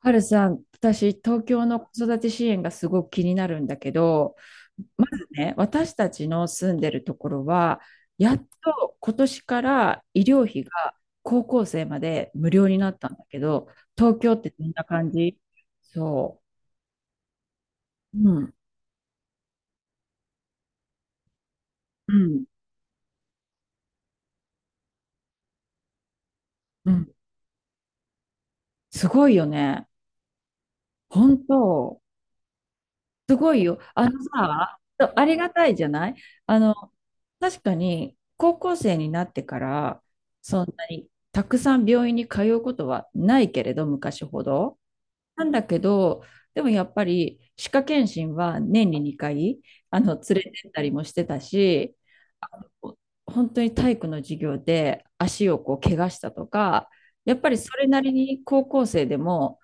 はるさん、私、東京の子育て支援がすごく気になるんだけど、まずね、私たちの住んでるところは、やっと今年から医療費が高校生まで無料になったんだけど、東京ってどんな感じ？そう。うん。うん。うん。すごいよね。本当、すごいよ。あのさ、ありがたいじゃない？あの、確かに高校生になってからそんなにたくさん病院に通うことはないけれど、昔ほど。なんだけど、でもやっぱり歯科検診は年に2回連れてったりもしてたし、あの本当に体育の授業で足をこう怪我したとか、やっぱりそれなりに高校生でも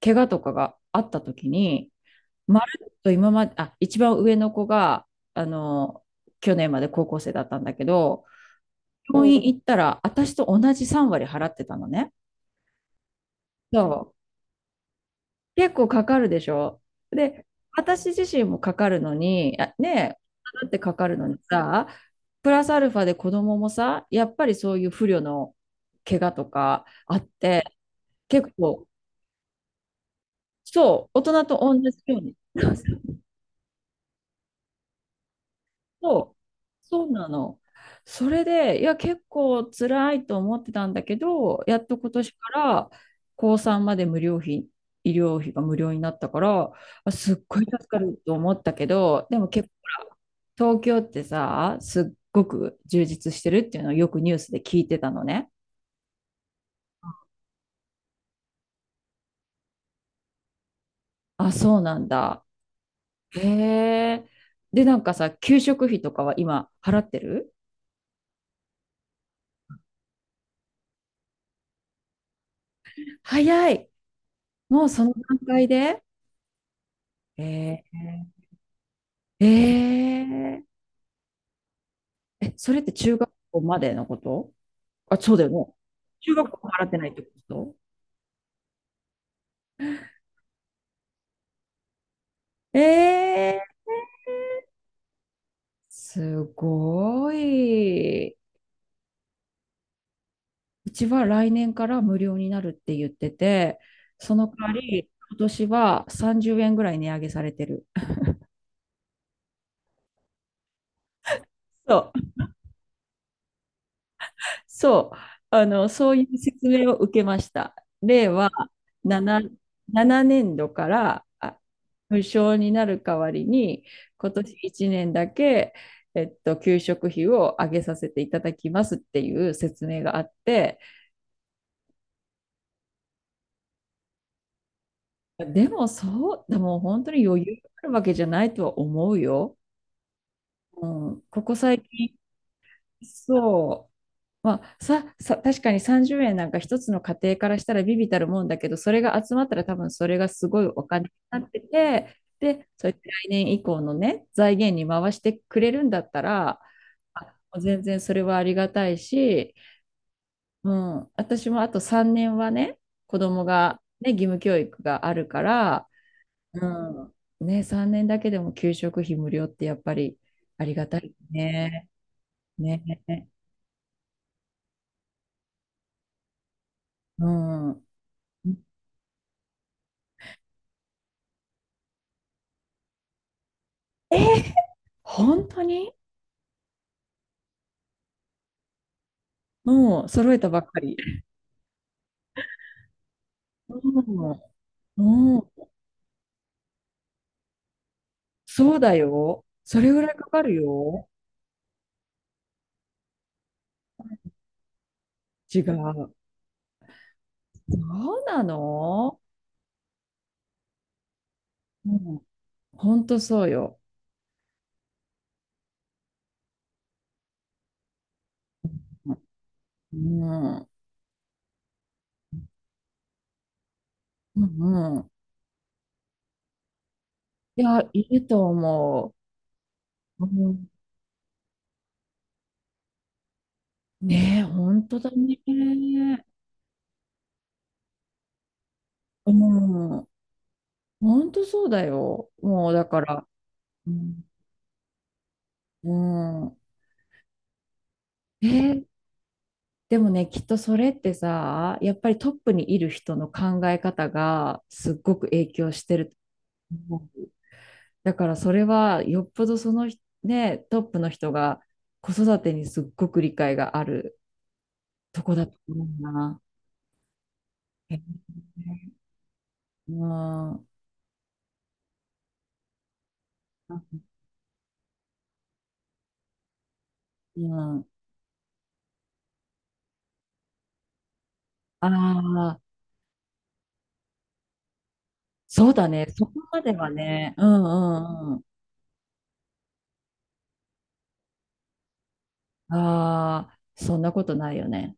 怪我とかがあった時に、まるっと今まで、あ、一番上の子が、あの、去年まで高校生だったんだけど、病院行ったら、私と同じ3割払ってたのね。そう。結構かかるでしょ。で、私自身もかかるのに、あねえ、だってかかるのにさ、プラスアルファで子供もさ、やっぱりそういう不慮の怪我とかあって、結構、そう、大人と同じように。そう、そうなの。それで、いや、結構辛いと思ってたんだけど、やっと今年から高3まで無料費、医療費が無料になったから、あ、すっごい助かると思ったけど、でも結構東京ってさ、すっごく充実してるっていうのをよくニュースで聞いてたのね。あ、そうなんだ。へえ。で、なんかさ、給食費とかは今払ってる？早い。もうその段階でえーえーえ、それって中学校までのこと？あ、そうだよね。中学校払ってないってこと？えー、すごい。うちは来年から無料になるって言ってて、その代わり、今年は30円ぐらい値上げされてる。そうそう、そういう説明を受けました。令和7、7年度から無償になる代わりに、今年1年だけ、給食費を上げさせていただきますっていう説明があって、でもそう、でも本当に余裕があるわけじゃないとは思うよ。うん、ここ最近、そう。まあ、さ、確かに30円なんか一つの家庭からしたら微々たるもんだけど、それが集まったら多分それがすごいお金になってて、で、そうやって来年以降のね、財源に回してくれるんだったら、あ、全然それはありがたいし、うん、私もあと3年はね、子供がね、義務教育があるから、うん、ね、3年だけでも給食費無料ってやっぱりありがたいね。ね。うん。えー、本当に？もう揃えたばっかり。うん、うん、そうだよ。それぐらいかかるよ。違う。そうなの？うん、ほんとそうよ。うん、うん、うん。いや、いいと思う。うん、ねえ、ほんとだね。うん、ほんとそうだよ。もうだから、うん、うん。えーでもね、きっとそれってさ、やっぱりトップにいる人の考え方がすっごく影響してると思う。だからそれはよっぽどその人、ね、トップの人が子育てにすっごく理解があるとこだと思うな。へえ、うん、うん。ああ、そうだね。そこまではね。うん、うん、うん。ああ、そんなことないよね。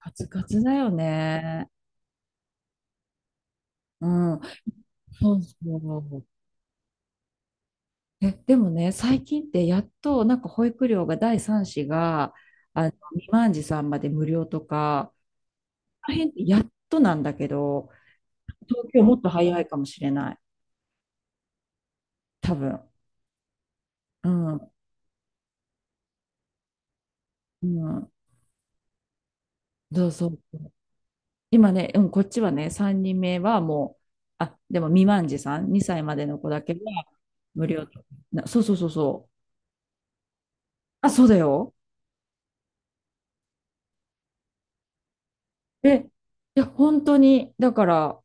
カツカツだよね。うん。そうそう。え、でもね、最近ってやっとなんか保育料が第三子が未満児さんまで無料とか、あの辺ってやっとなんだけど、東京もっと早いかもしれない、多分。うん、うん、そうそう。今ね、うん、こっちはね、3人目はもう、あ、でも未満児さん、2歳までの子だけは無料とな、そうそうそうそう。あ、そうだよ。で、いや、本当に、だから、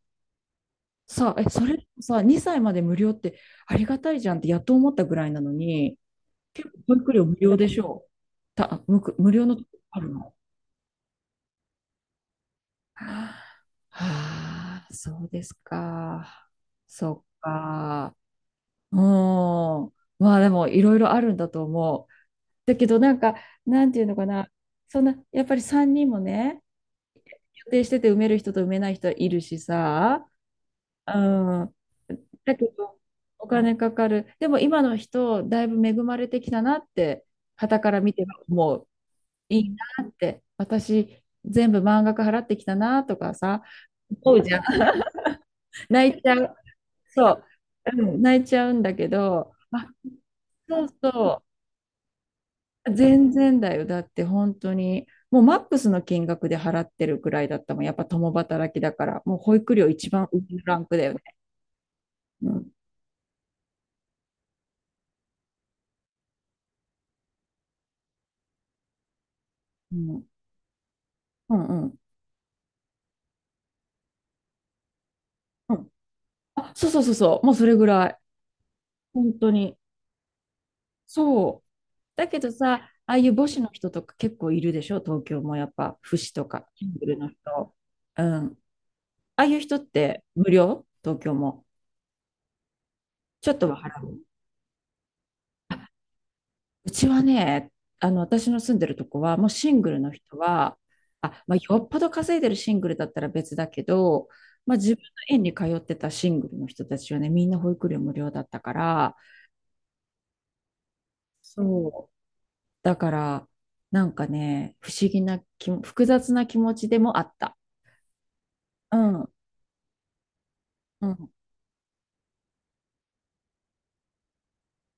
さあ、え、それさ、2歳まで無料ってありがたいじゃんってやっと思ったぐらいなのに、結構保育料無料でしょう。無料のとこあるの？はあ、そうですか。そっか。うん。まあでもいろいろあるんだと思う。だけどなんか、なんていうのかな。そんな、やっぱり3人もね、予定してて埋める人と埋めない人いるしさ、うん。だけど、お金かかる。でも今の人、だいぶ恵まれてきたなって、傍から見てもういいなって、私、全部満額払ってきたなとかさ、思うじゃん。泣いちゃう。そう。うん、泣いちゃうんだけど、あ、そうそう。全然だよ。だって本当に、もうマックスの金額で払ってるくらいだったもん。やっぱ共働きだから、もう保育料一番上のランクだよね。うん。うん。うん、うん。うん、あ、そうそうそうそう、もうそれぐらい。本当に。そう。だけどさ、ああいう母子の人とか結構いるでしょ、東京もやっぱ、父子とか、シングルの人。うん。ああいう人って無料？東京も。ちょっとは払う。うちはね、私の住んでるとこは、もうシングルの人は、あ、まあ、よっぽど稼いでるシングルだったら別だけど、まあ、自分の園に通ってたシングルの人たちはね、みんな保育料無料だったから、そう。だから、なんかね、不思議な気も、複雑な気持ちでもあった。うん、うん。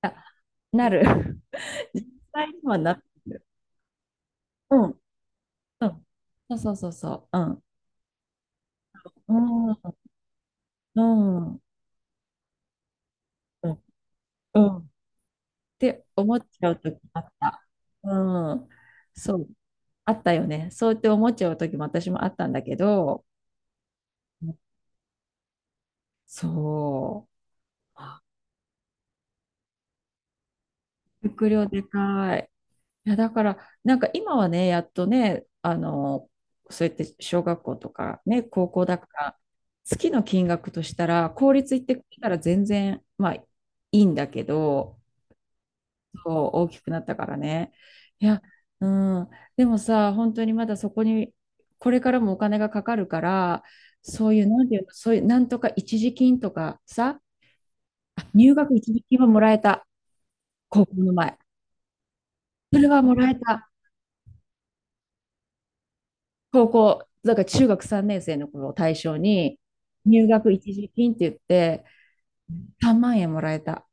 あ、なる。実際にはなってる。うん、うん。そうそうそうそう。うん。うん、うん、うん、うん。って思っちゃう時あった。うん。そう。あったよね。そうやって思っちゃう時も私もあったんだけど、そう。あ、迫力でかい。いや、だから、なんか今はね、やっとね、そうやって小学校とかね、高校だから、月の金額としたら、公立行ってくれたら全然、まあ、いいんだけど、そう、大きくなったからね。いや、うん、でもさ、本当にまだそこに、これからもお金がかかるから、そういう、なんていうの、そういう、なんとか一時金とかさ、入学一時金はもらえた、高校の前。それはもらえた。高校、だから中学3年生の頃を対象に、入学一時金って言って、3万円もらえた。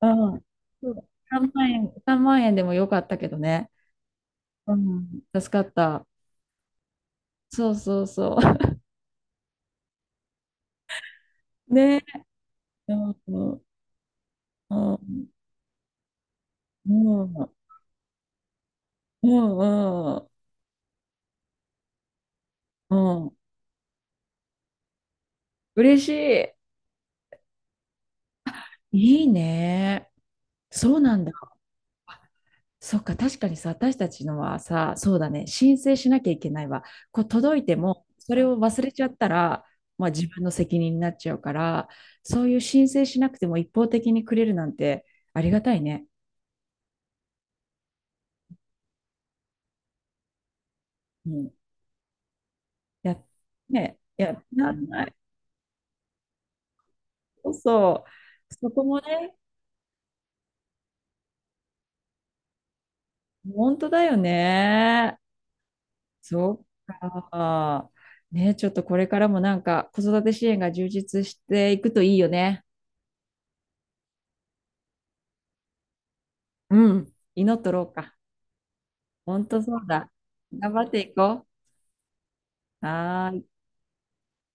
うん。そう、3万円、3万円でもよかったけどね。うん。助かった。そうそうそう。ねえ。うん。うん。うん。うん。うん。うん、嬉しい。いいね。そうなんだ。そっか、確かにさ、私たちのはさ、そうだね、申請しなきゃいけないわ。こう届いても、それを忘れちゃったら、まあ、自分の責任になっちゃうから、そういう申請しなくても一方的にくれるなんてありがたいね。うん。や、ね、や、なんない。そうそう。そこもね、本当だよね。そっか。ね、ちょっとこれからもなんか子育て支援が充実していくといいよね。うん。祈っとろうか。本当そうだ。頑張っていこう。はーい。